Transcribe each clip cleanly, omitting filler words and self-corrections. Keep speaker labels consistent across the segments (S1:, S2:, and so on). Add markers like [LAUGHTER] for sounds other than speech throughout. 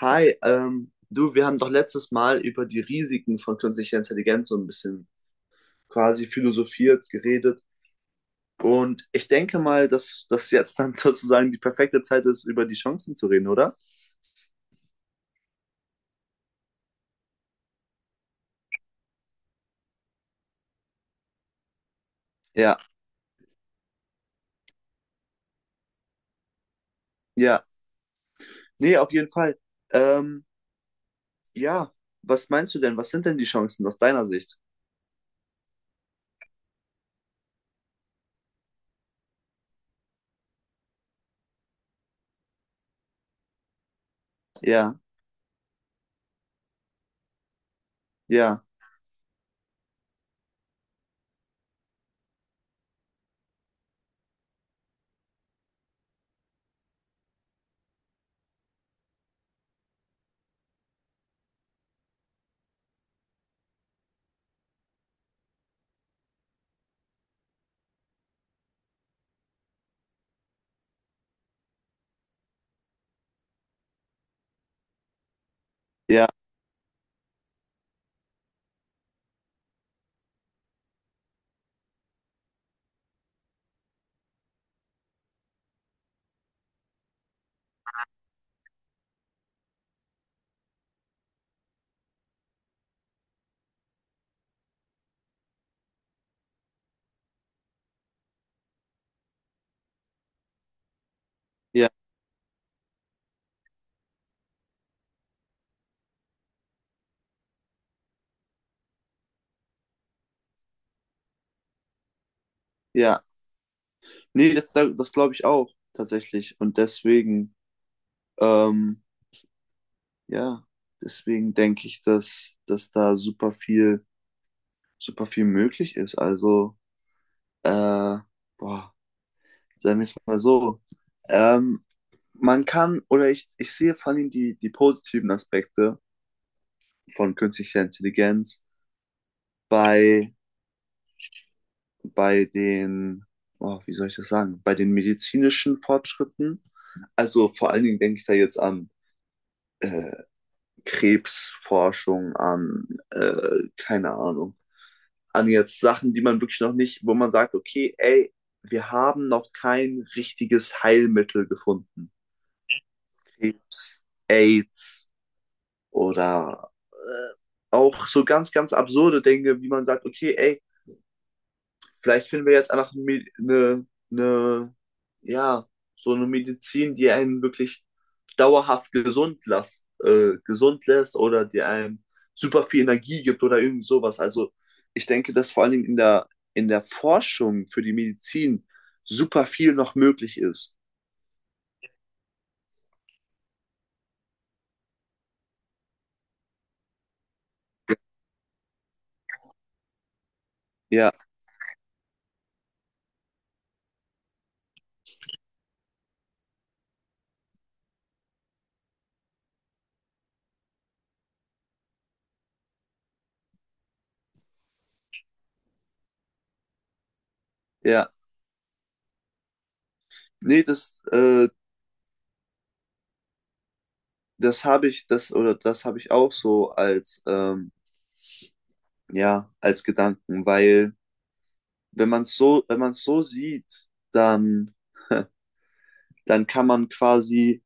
S1: Hi, du, wir haben doch letztes Mal über die Risiken von künstlicher Intelligenz so ein bisschen quasi philosophiert, geredet. Und ich denke mal, dass das jetzt dann [LAUGHS] sozusagen die perfekte Zeit ist, über die Chancen zu reden, oder? Ja, ja. Nee, auf jeden Fall. Ähm, ja, was meinst du denn? Was sind denn die Chancen aus deiner Sicht? Ja, ja, ja, ja, ja. Nee, das glaube ich auch tatsächlich. Und deswegen, ähm, ja, deswegen denke ich, dass, dass da super viel möglich ist. Also, äh, boah, sagen wir es mal so. Ähm, man kann, oder ich sehe vor allem die positiven Aspekte von künstlicher Intelligenz bei, bei den, oh, wie soll ich das sagen, bei den medizinischen Fortschritten. Also vor allen Dingen denke ich da jetzt an äh, Krebsforschung, an, keine Ahnung, an jetzt Sachen, die man wirklich noch nicht, wo man sagt, okay, ey, wir haben noch kein richtiges Heilmittel gefunden. Krebs, AIDS oder auch so ganz, ganz absurde Dinge, wie man sagt, okay, ey, vielleicht finden wir jetzt einfach eine, ja, so eine Medizin, die einen wirklich dauerhaft gesund lässt oder die einem super viel Energie gibt oder irgend sowas. Also ich denke, dass vor allen Dingen in der Forschung für die Medizin super viel noch möglich ist. Ja, ja. Nee, das habe ich, das, oder das habe ich auch so als, ja, als Gedanken, weil wenn man es so sieht, dann dann kann man quasi,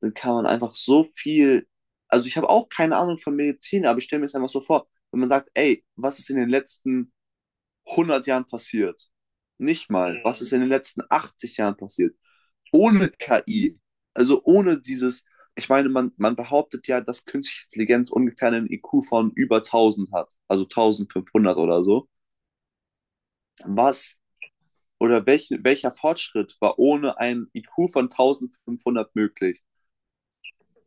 S1: dann kann man einfach so viel, also ich habe auch keine Ahnung von Medizin, aber ich stelle mir es einfach so vor, wenn man sagt, ey, was ist in den letzten 100 Jahren passiert? Nicht mal, was ist in den letzten 80 Jahren passiert? Ohne KI, also ohne dieses, ich meine, man behauptet ja, dass künstliche Intelligenz ungefähr einen IQ von über 1000 hat, also 1500 oder so. Was oder welcher Fortschritt war ohne einen IQ von 1500 möglich?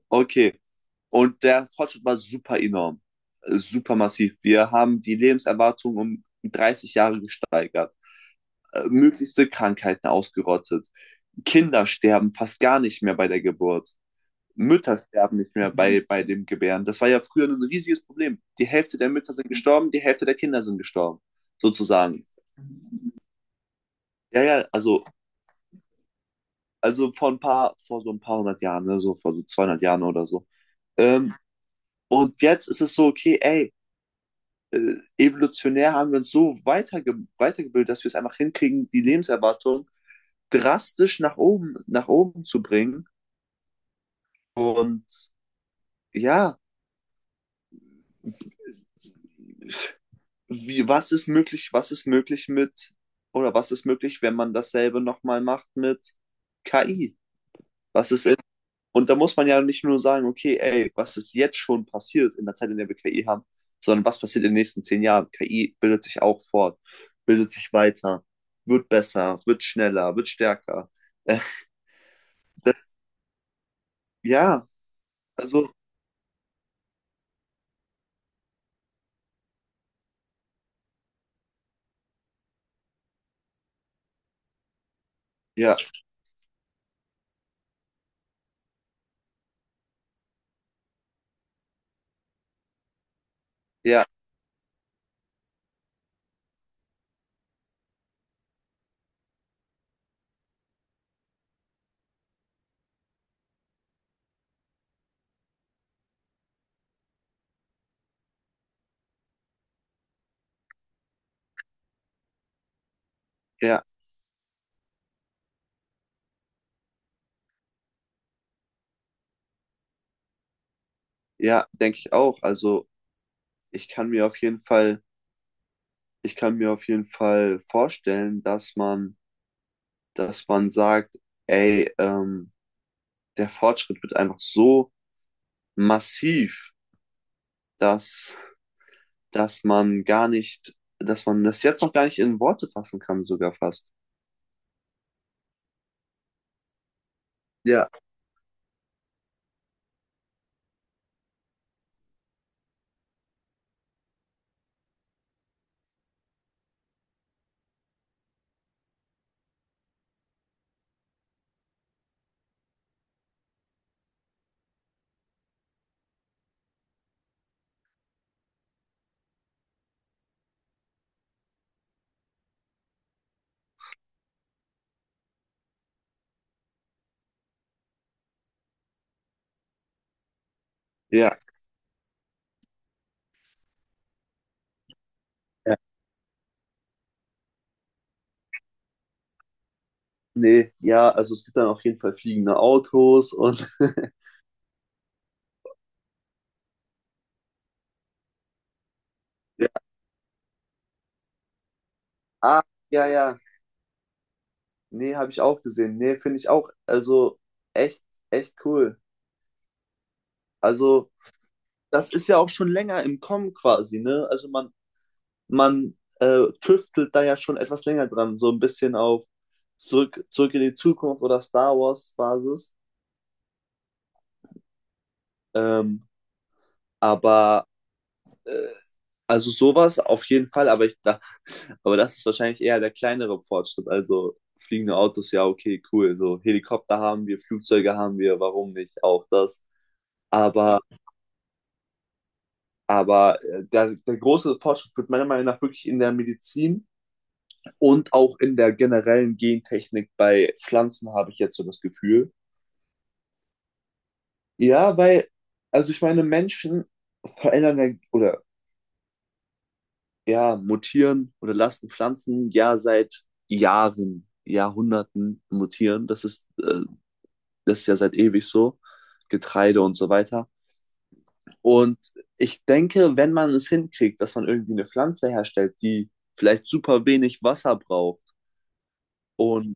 S1: Okay. Und der Fortschritt war super enorm, super massiv. Wir haben die Lebenserwartung um 30 Jahre gesteigert, möglichste Krankheiten ausgerottet. Kinder sterben fast gar nicht mehr bei der Geburt. Mütter sterben nicht mehr bei dem Gebären. Das war ja früher ein riesiges Problem. Die Hälfte der Mütter sind gestorben, die Hälfte der Kinder sind gestorben, sozusagen. Ja, ja, also vor ein paar, vor so ein paar hundert Jahren, ne, so vor so 200 Jahren oder so. Ähm, und jetzt ist es so, okay, ey, evolutionär haben wir uns so weitergebildet, dass wir es einfach hinkriegen, die Lebenserwartung drastisch nach oben zu bringen. Und ja, was ist möglich mit, oder was ist möglich, wenn man dasselbe nochmal macht mit KI? Was ist Und da muss man ja nicht nur sagen, okay, ey, was ist jetzt schon passiert in der Zeit, in der wir KI haben, sondern was passiert in den nächsten 10 Jahren? KI bildet sich auch fort, bildet sich weiter, wird besser, wird schneller, wird stärker. Äh, das, ja, also, ja, ja, ja, ja, denke ich auch. Also, ich kann mir auf jeden Fall, ich kann mir auf jeden Fall vorstellen, dass man sagt, ey, der Fortschritt wird einfach so massiv, dass dass man gar nicht, dass man das jetzt noch gar nicht in Worte fassen kann, sogar fast. Ja, ja, ja, nee, ja, also es gibt dann auf jeden Fall fliegende Autos und [LAUGHS] ja, ah, ja, ja, nee, habe ich auch gesehen. Nee, finde ich auch, also echt, echt cool. Also das ist ja auch schon länger im Kommen quasi, ne? Also man tüftelt da ja schon etwas länger dran, so ein bisschen auf zurück in die Zukunft oder Star Wars Basis. Ähm, aber Also sowas auf jeden Fall, aber das ist wahrscheinlich eher der kleinere Fortschritt. Also fliegende Autos, ja, okay, cool. So Helikopter haben wir, Flugzeuge haben wir, warum nicht auch das? Aber, aber der große Fortschritt wird meiner Meinung nach wirklich in der Medizin und auch in der generellen Gentechnik bei Pflanzen, habe ich jetzt so das Gefühl. Ja, weil, also ich meine, Menschen verändern ja oder ja, mutieren oder lassen Pflanzen ja seit Jahren, Jahrhunderten mutieren. Das ist ja seit ewig so. Getreide und so weiter. Und ich denke, wenn man es hinkriegt, dass man irgendwie eine Pflanze herstellt, die vielleicht super wenig Wasser braucht und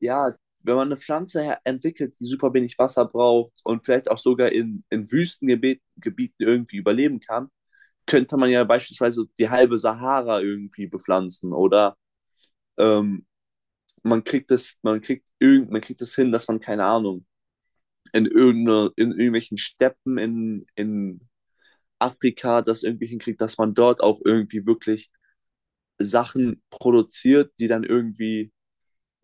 S1: ja, wenn man eine Pflanze entwickelt, die super wenig Wasser braucht und vielleicht auch sogar in Wüstengebieten Gebieten irgendwie überleben kann, könnte man ja beispielsweise die halbe Sahara irgendwie bepflanzen oder ähm, man kriegt das hin, dass man, keine Ahnung, in irgendwelchen Steppen in Afrika das irgendwie hinkriegt, dass man dort auch irgendwie wirklich Sachen produziert, die dann irgendwie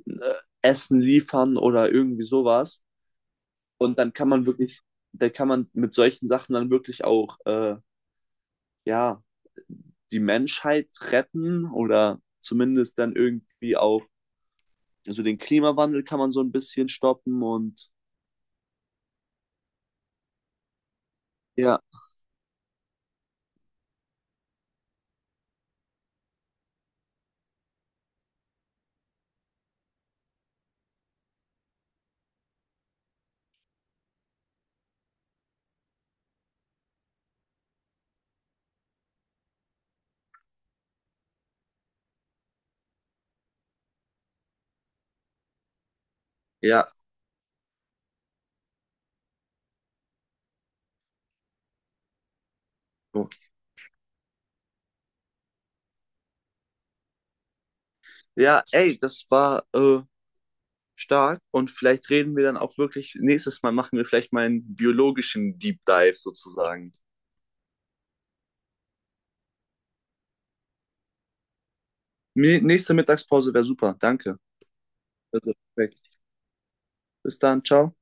S1: äh, Essen liefern oder irgendwie sowas. Und dann kann man wirklich, da kann man mit solchen Sachen dann wirklich auch, ja, die Menschheit retten oder zumindest dann irgendwie auch, also den Klimawandel kann man so ein bisschen stoppen und ja, ja, so. Ja, ey, das war stark und vielleicht reden wir dann auch wirklich, nächstes Mal machen wir vielleicht mal einen biologischen Deep Dive sozusagen. Nächste Mittagspause wäre super, danke. Also, perfekt. Bis dann, ciao.